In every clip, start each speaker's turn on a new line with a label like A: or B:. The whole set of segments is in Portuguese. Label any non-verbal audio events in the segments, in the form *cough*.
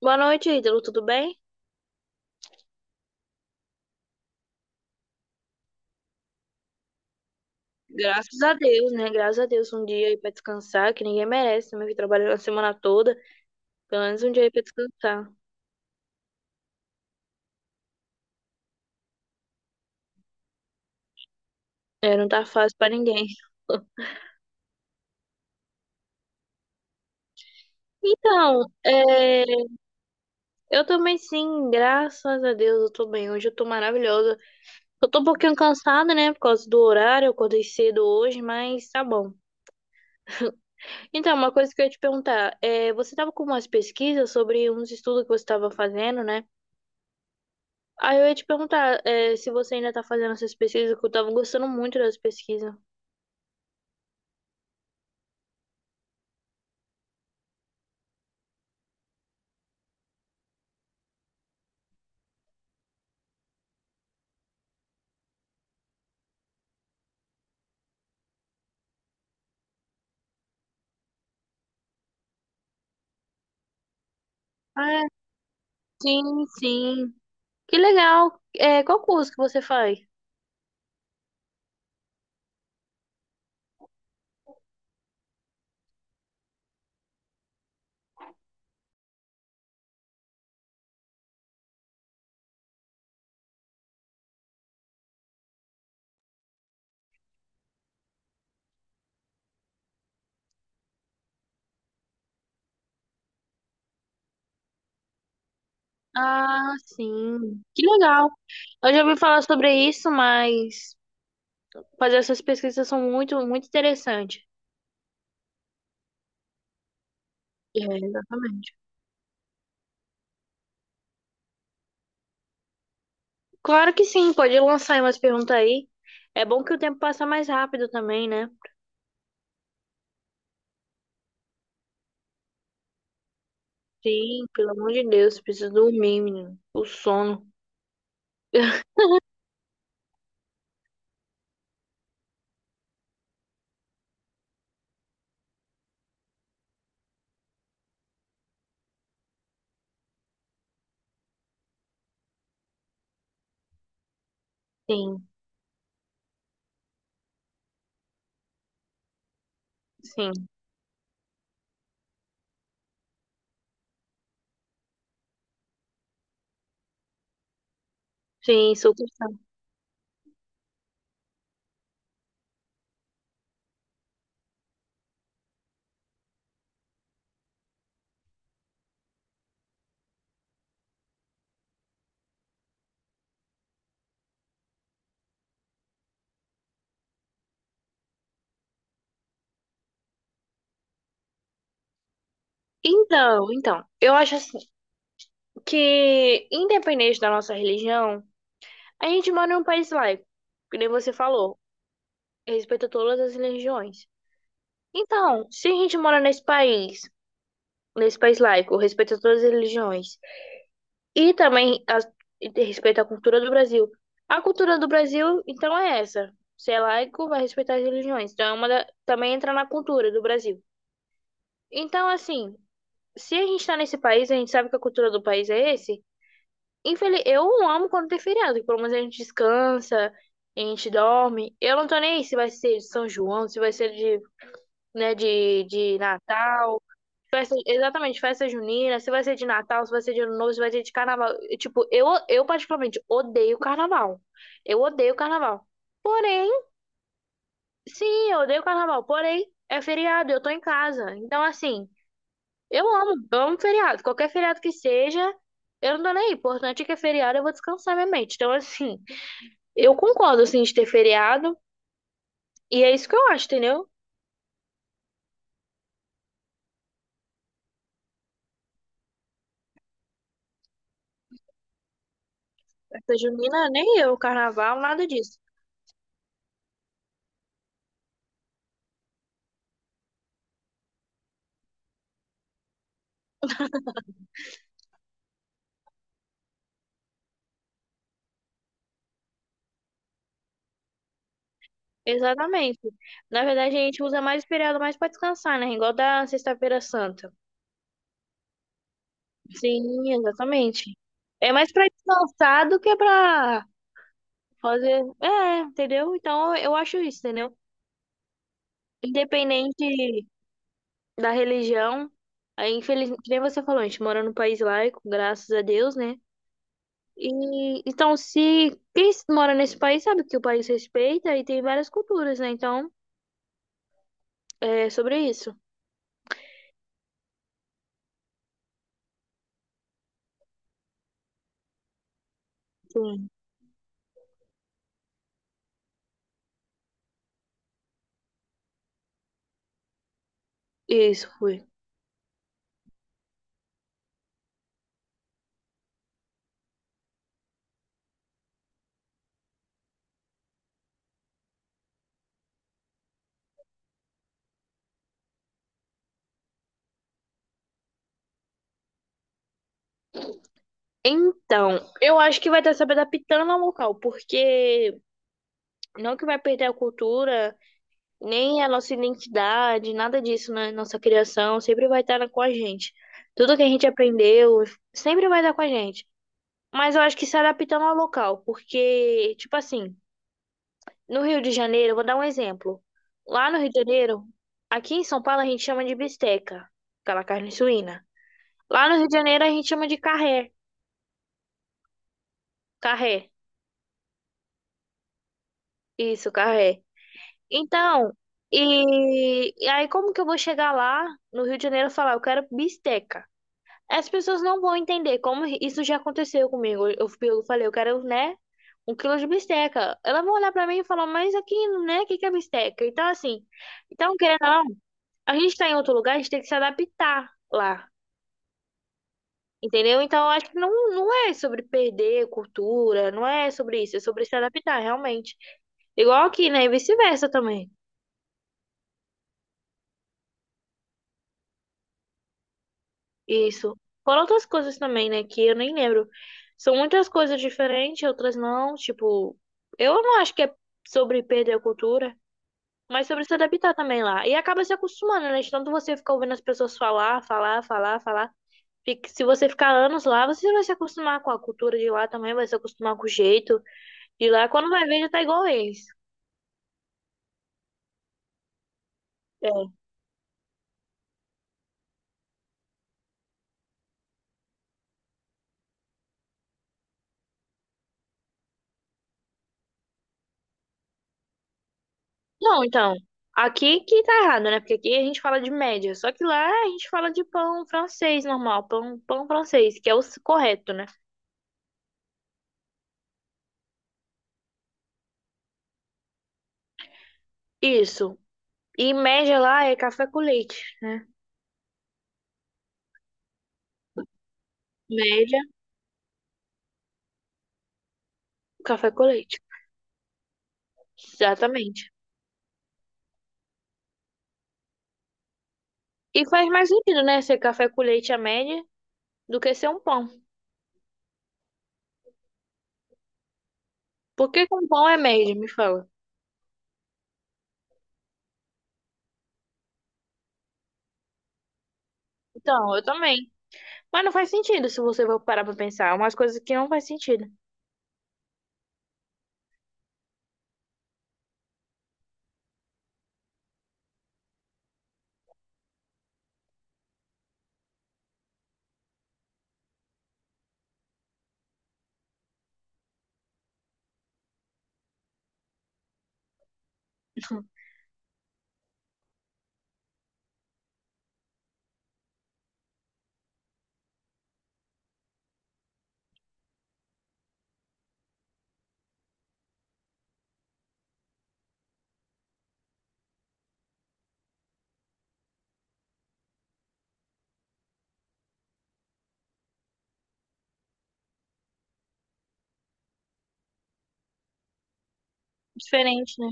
A: Boa noite, Ítalo. Tudo bem? Graças a Deus, né? Graças a Deus, um dia aí pra descansar, que ninguém merece, também que trabalhou a semana toda, pelo menos um dia aí pra descansar. É, não tá fácil pra ninguém. Então, eu também sim, graças a Deus eu tô bem. Hoje eu tô maravilhosa. Eu tô um pouquinho cansada, né, por causa do horário, eu acordei cedo hoje, mas tá bom. Então, uma coisa que eu ia te perguntar, você tava com umas pesquisas sobre uns estudos que você tava fazendo, né? Aí eu ia te perguntar, se você ainda tá fazendo essas pesquisas, que eu tava gostando muito das pesquisas. Ah, sim, sim. Que legal. Qual curso que você faz? Ah, sim. Que legal. Eu já ouvi falar sobre isso, mas fazer essas pesquisas são muito, muito interessantes. É, exatamente. Claro que sim, pode lançar aí umas perguntas aí. É bom que o tempo passa mais rápido também, né? Sim, pelo amor de Deus, preciso dormir, menino. O sono. *laughs* Sim, sim. Sim, sou. Então, eu acho assim que, independente da nossa religião, a gente mora em um país laico, que nem você falou, respeita todas as religiões. Então, se a gente mora nesse país laico, respeita todas as religiões, e também e respeita a cultura do Brasil. A cultura do Brasil, então, é essa. Se é laico, vai respeitar as religiões. Então, é também entra na cultura do Brasil. Então, assim, se a gente está nesse país, a gente sabe que a cultura do país é esse. Eu amo quando tem feriado, que pelo menos a gente descansa, a gente dorme. Eu não tô nem aí se vai ser de São João, se vai ser de, né, de Natal, festa, exatamente, festa junina, se vai ser de Natal, se vai ser de Ano Novo, se vai ser de Carnaval. E, tipo, eu particularmente odeio Carnaval. Eu odeio Carnaval. Porém, sim, eu odeio Carnaval. Porém, é feriado, eu tô em casa. Então, assim, eu amo feriado. Qualquer feriado que seja, eu não tô nem aí. O importante é que é feriado, eu vou descansar minha mente. Então, assim, eu concordo, assim, de ter feriado. E é isso que eu acho, entendeu? Essa junina, nem eu, carnaval, nada disso. Exatamente. Na verdade, a gente usa mais o feriado mais pra descansar, né? Igual da Sexta-feira Santa. Sim, exatamente. É mais pra descansar do que pra fazer. É, entendeu? Então, eu acho isso, entendeu? Independente da religião. Aí, que nem você falou, a gente mora num país laico, graças a Deus, né? E então, se quem mora nesse país sabe que o país respeita e tem várias culturas, né? Então, é sobre isso. Sim. Isso, fui. Então, eu acho que vai estar se adaptando ao local, porque não que vai perder a cultura, nem a nossa identidade, nada disso. Na nossa criação, sempre vai estar com a gente. Tudo que a gente aprendeu sempre vai estar com a gente. Mas eu acho que se adaptando ao local, porque, tipo assim, no Rio de Janeiro, eu vou dar um exemplo. Lá no Rio de Janeiro, aqui em São Paulo a gente chama de bisteca, aquela carne suína. Lá no Rio de Janeiro a gente chama de carré. Carré. Isso, carré. Então, e aí como que eu vou chegar lá no Rio de Janeiro e falar, eu quero bisteca? As pessoas não vão entender, como isso já aconteceu comigo. Eu falei, eu quero, né, um quilo de bisteca. Elas vão olhar pra mim e falar, mas aqui, né, o que que é bisteca? Então, assim, então, querendo ou não, a gente tá em outro lugar, a gente tem que se adaptar lá, entendeu? Então, eu acho que não, não é sobre perder cultura, não é sobre isso, é sobre se adaptar, realmente. Igual aqui, né? E vice-versa também. Isso. Foram outras coisas também, né? Que eu nem lembro. São muitas coisas diferentes, outras não. Tipo, eu não acho que é sobre perder a cultura, mas sobre se adaptar também lá. E acaba se acostumando, né? De tanto você ficar ouvindo as pessoas falar, falar, falar, falar. Se você ficar anos lá, você vai se acostumar com a cultura de lá também, vai se acostumar com o jeito de lá. Quando vai ver, já tá igual eles. É. Não, então, aqui que tá errado, né? Porque aqui a gente fala de média, só que lá a gente fala de pão francês normal, pão, pão francês, que é o correto, né? Isso. E média lá é café com leite. Média, café com leite. Exatamente. E faz mais sentido, né? Ser café com leite a média do que ser um pão. Por que que um pão é média, me fala? Então, eu também. Mas não faz sentido se você for parar pra pensar. É umas coisas que não faz sentido. Diferente, né?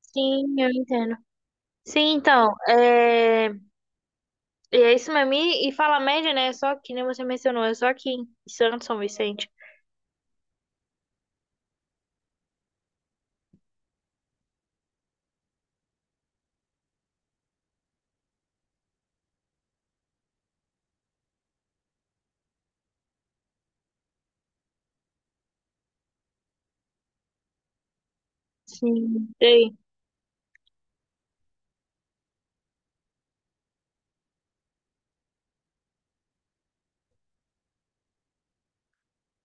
A: Sim, eu entendo. Sim, então, é é isso mesmo. E fala média, né? É só que nem você mencionou, é só aqui em Santos, São Vicente. Sim. E aí?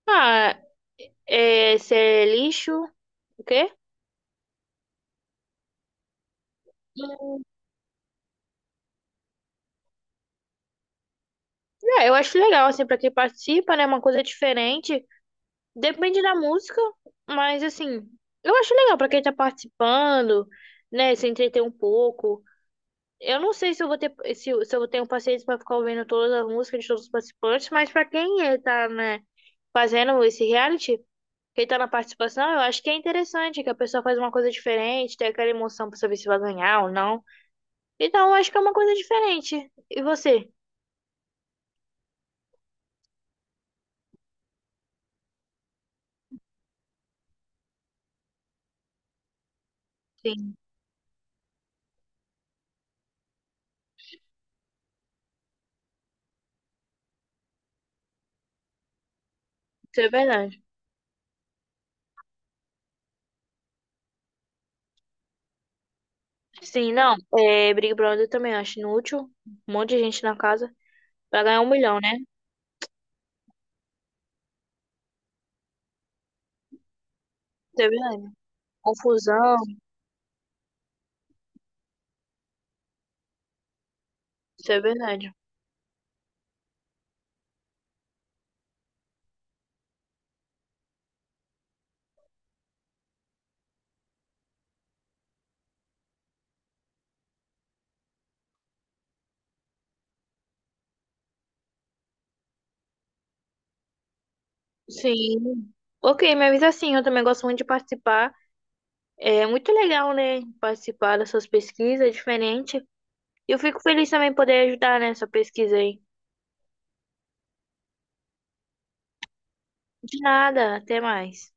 A: Ah, é, ser lixo, o quê? É, eu acho legal, assim, pra quem participa, né? Uma coisa diferente. Depende da música, mas assim, eu acho legal pra quem tá participando, né? Se entreter um pouco. Eu não sei se eu vou ter se, eu- se eu tenho paciência para ficar ouvindo todas as músicas de todos os participantes, mas para quem tá, né, fazendo esse reality, quem tá na participação, eu acho que é interessante que a pessoa faz uma coisa diferente, tem aquela emoção para saber se vai ganhar ou não. Então, eu acho que é uma coisa diferente. E você? Sim, isso é verdade. Sim, não. É, Big Brother eu também acho inútil. Um monte de gente na casa para ganhar 1 milhão, né? Isso é verdade. Confusão, isso é verdade. Sim. Ok, me avisa sim, eu também gosto muito de participar. É muito legal, né, participar dessas pesquisas, é diferente. E eu fico feliz também em poder ajudar nessa pesquisa aí. De nada, até mais.